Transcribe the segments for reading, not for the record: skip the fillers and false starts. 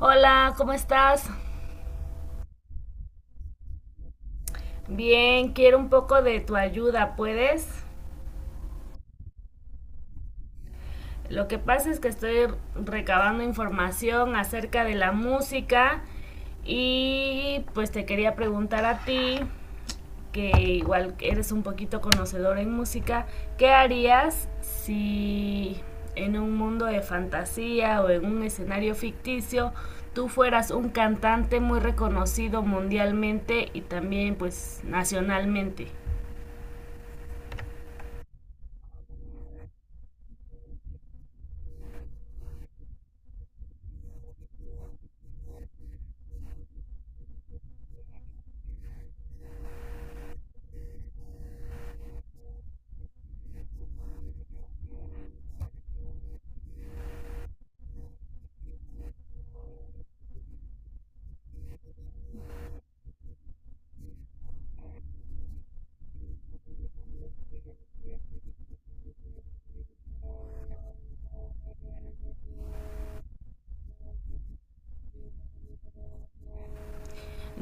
Hola, ¿cómo estás? Bien, quiero un poco de tu ayuda, ¿puedes? Lo que pasa es que estoy recabando información acerca de la música y pues te quería preguntar a ti, que igual eres un poquito conocedor en música, ¿qué harías si en un mundo de fantasía o en un escenario ficticio tú fueras un cantante muy reconocido mundialmente y también pues nacionalmente?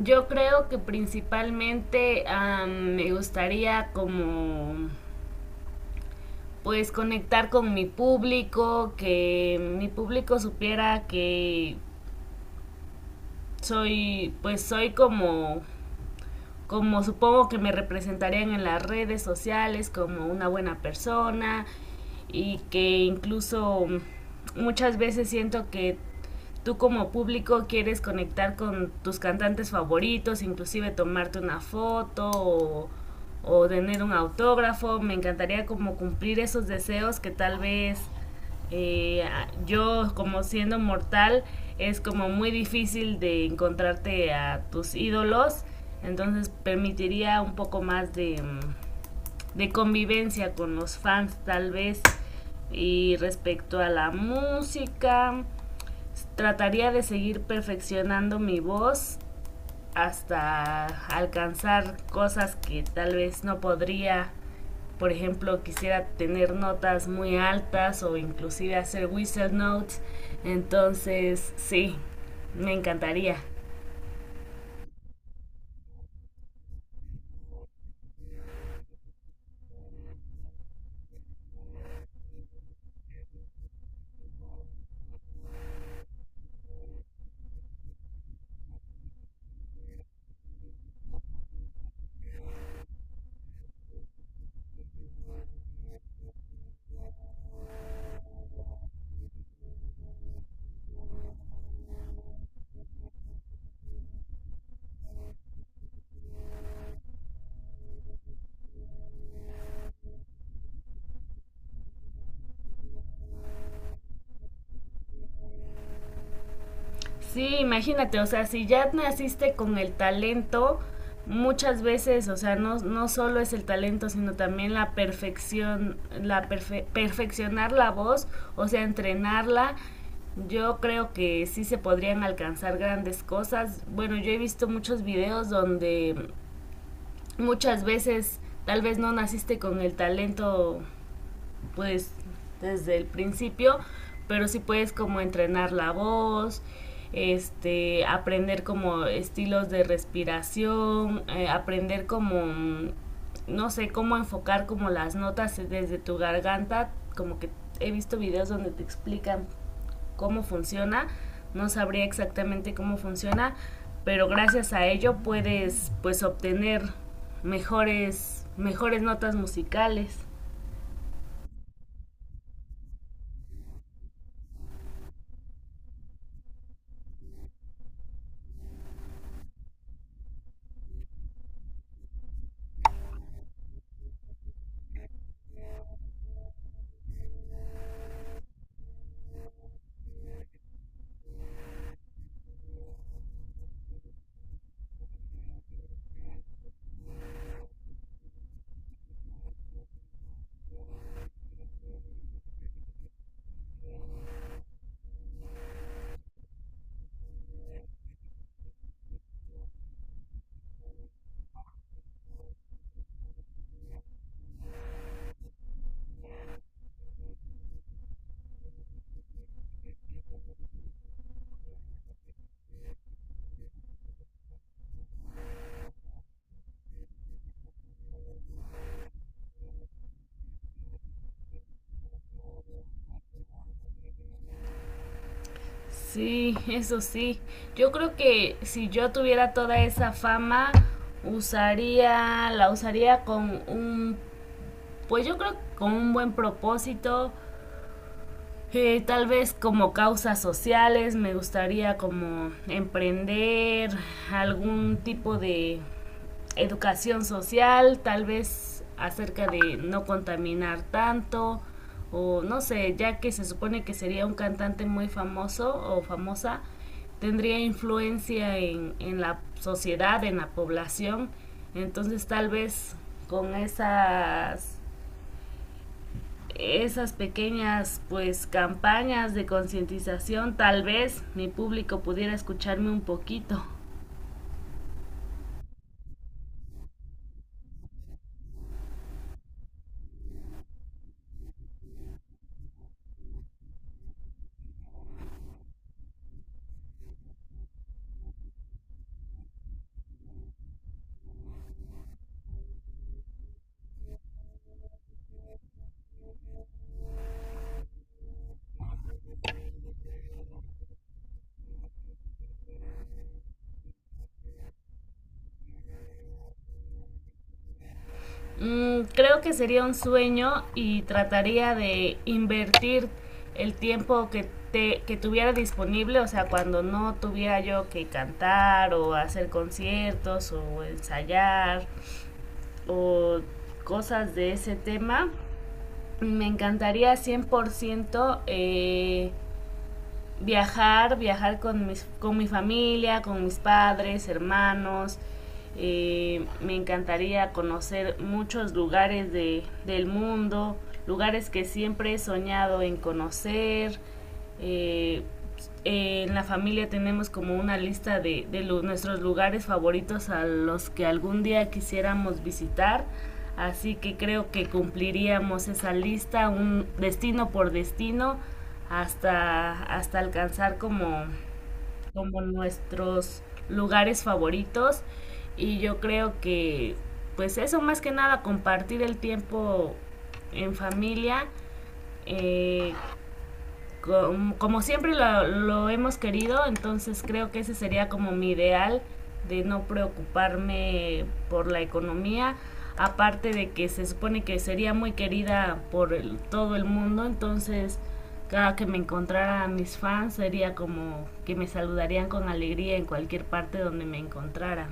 Yo creo que principalmente me gustaría como pues conectar con mi público, que mi público supiera que soy como como supongo que me representarían en las redes sociales como una buena persona y que incluso muchas veces siento que tú como público quieres conectar con tus cantantes favoritos, inclusive tomarte una foto o tener un autógrafo. Me encantaría como cumplir esos deseos que tal vez eh, yo como siendo mortal es como muy difícil de encontrarte a tus ídolos. Entonces permitiría un poco más de de convivencia con los fans tal vez. Y respecto a la música, trataría de seguir perfeccionando mi voz hasta alcanzar cosas que tal vez no podría. Por ejemplo, quisiera tener notas muy altas o inclusive hacer whistle notes. Entonces, sí, me encantaría. Sí, imagínate, o sea, si ya naciste con el talento, muchas veces, o sea, no, no solo es el talento, sino también la perfección, perfeccionar la voz, o sea, entrenarla. Yo creo que sí se podrían alcanzar grandes cosas. Bueno, yo he visto muchos videos donde muchas veces tal vez no naciste con el talento pues desde el principio, pero sí puedes como entrenar la voz, este, aprender como estilos de respiración, aprender como no sé, cómo enfocar como las notas desde tu garganta, como que he visto videos donde te explican cómo funciona, no sabría exactamente cómo funciona, pero gracias a ello puedes pues obtener mejores notas musicales. Sí, eso sí. Yo creo que si yo tuviera toda esa fama, la usaría con un, pues yo creo que con un buen propósito, tal vez como causas sociales, me gustaría como emprender algún tipo de educación social, tal vez acerca de no contaminar tanto, o no sé, ya que se supone que sería un cantante muy famoso o famosa, tendría influencia en la sociedad, en la población, entonces tal vez con esas esas pequeñas pues campañas de concientización tal vez mi público pudiera escucharme un poquito. Mm, creo que sería un sueño y trataría de invertir el tiempo que tuviera disponible, o sea, cuando no tuviera yo que cantar o hacer conciertos o ensayar o cosas de ese tema, me encantaría 100% viajar, viajar con mi familia, con mis padres, hermanos. Me encantaría conocer muchos lugares del mundo, lugares que siempre he soñado en conocer. Eh, en la familia tenemos como una lista de nuestros lugares favoritos a los que algún día quisiéramos visitar. Así que creo que cumpliríamos esa lista, un destino por destino, hasta alcanzar como, como nuestros lugares favoritos. Y yo creo que, pues eso más que nada, compartir el tiempo en familia, eh, como siempre lo hemos querido, entonces creo que ese sería como mi ideal de no preocuparme por la economía, aparte de que se supone que sería muy querida por el- todo el mundo, entonces cada que me encontrara a mis fans sería como que me saludarían con alegría en cualquier parte donde me encontrara.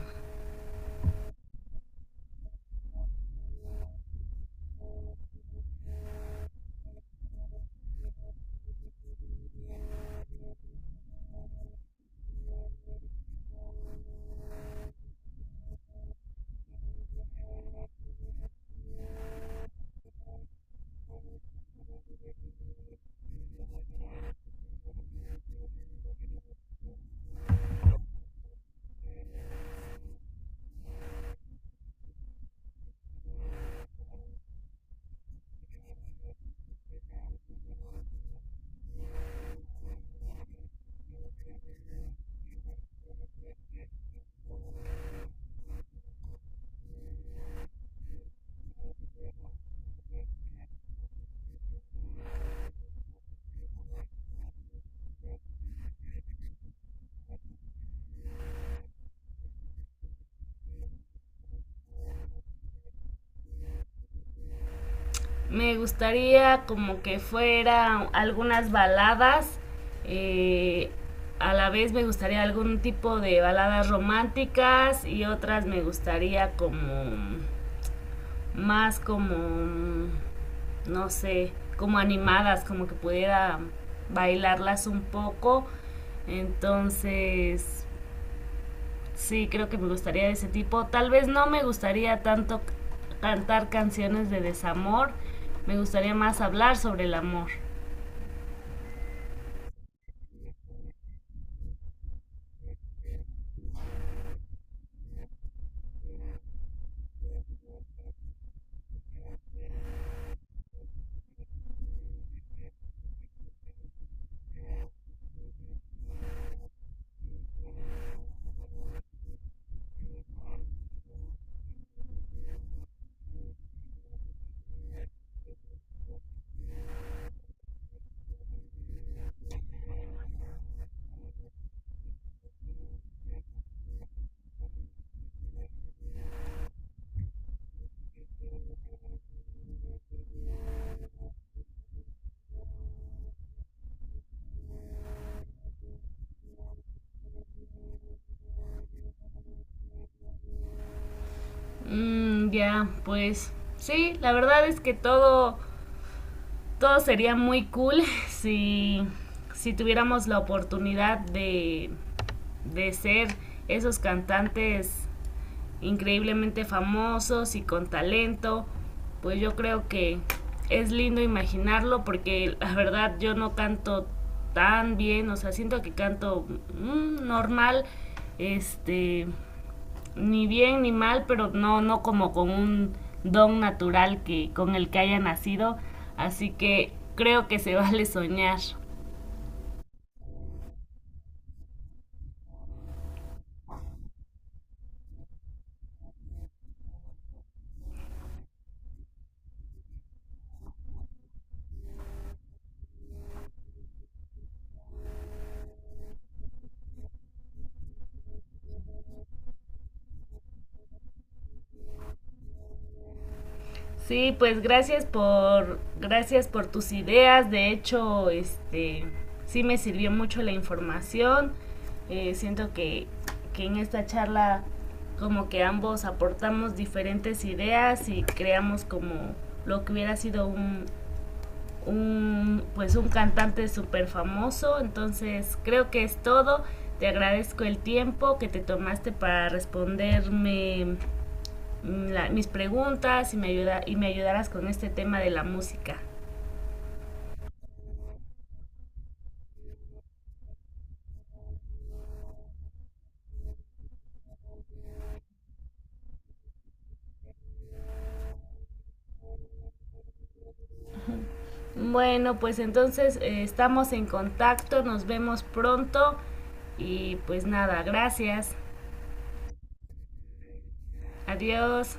Me gustaría como que fuera algunas baladas, eh, a la vez me gustaría algún tipo de baladas románticas y otras me gustaría como más como, no sé, como animadas, como que pudiera bailarlas un poco. Entonces, sí, creo que me gustaría de ese tipo. Tal vez no me gustaría tanto cantar canciones de desamor. Me gustaría más hablar sobre el amor. Mm, ya, pues sí, la verdad es que todo sería muy cool si, si tuviéramos la oportunidad de ser esos cantantes increíblemente famosos y con talento, pues yo creo que es lindo imaginarlo porque la verdad yo no canto tan bien, o sea, siento que canto mm, normal, este, ni bien ni mal, pero no, no como con un don natural que, con el que haya nacido, así que creo que se vale soñar. Sí, pues gracias por gracias por tus ideas. De hecho, este sí me sirvió mucho la información. Siento que en esta charla como que ambos aportamos diferentes ideas y creamos como lo que hubiera sido un pues un cantante súper famoso. Entonces creo que es todo. Te agradezco el tiempo que te tomaste para responderme mis preguntas y me ayudarás con este tema de la música. Bueno, pues entonces estamos en contacto, nos vemos pronto y pues nada, gracias, adiós.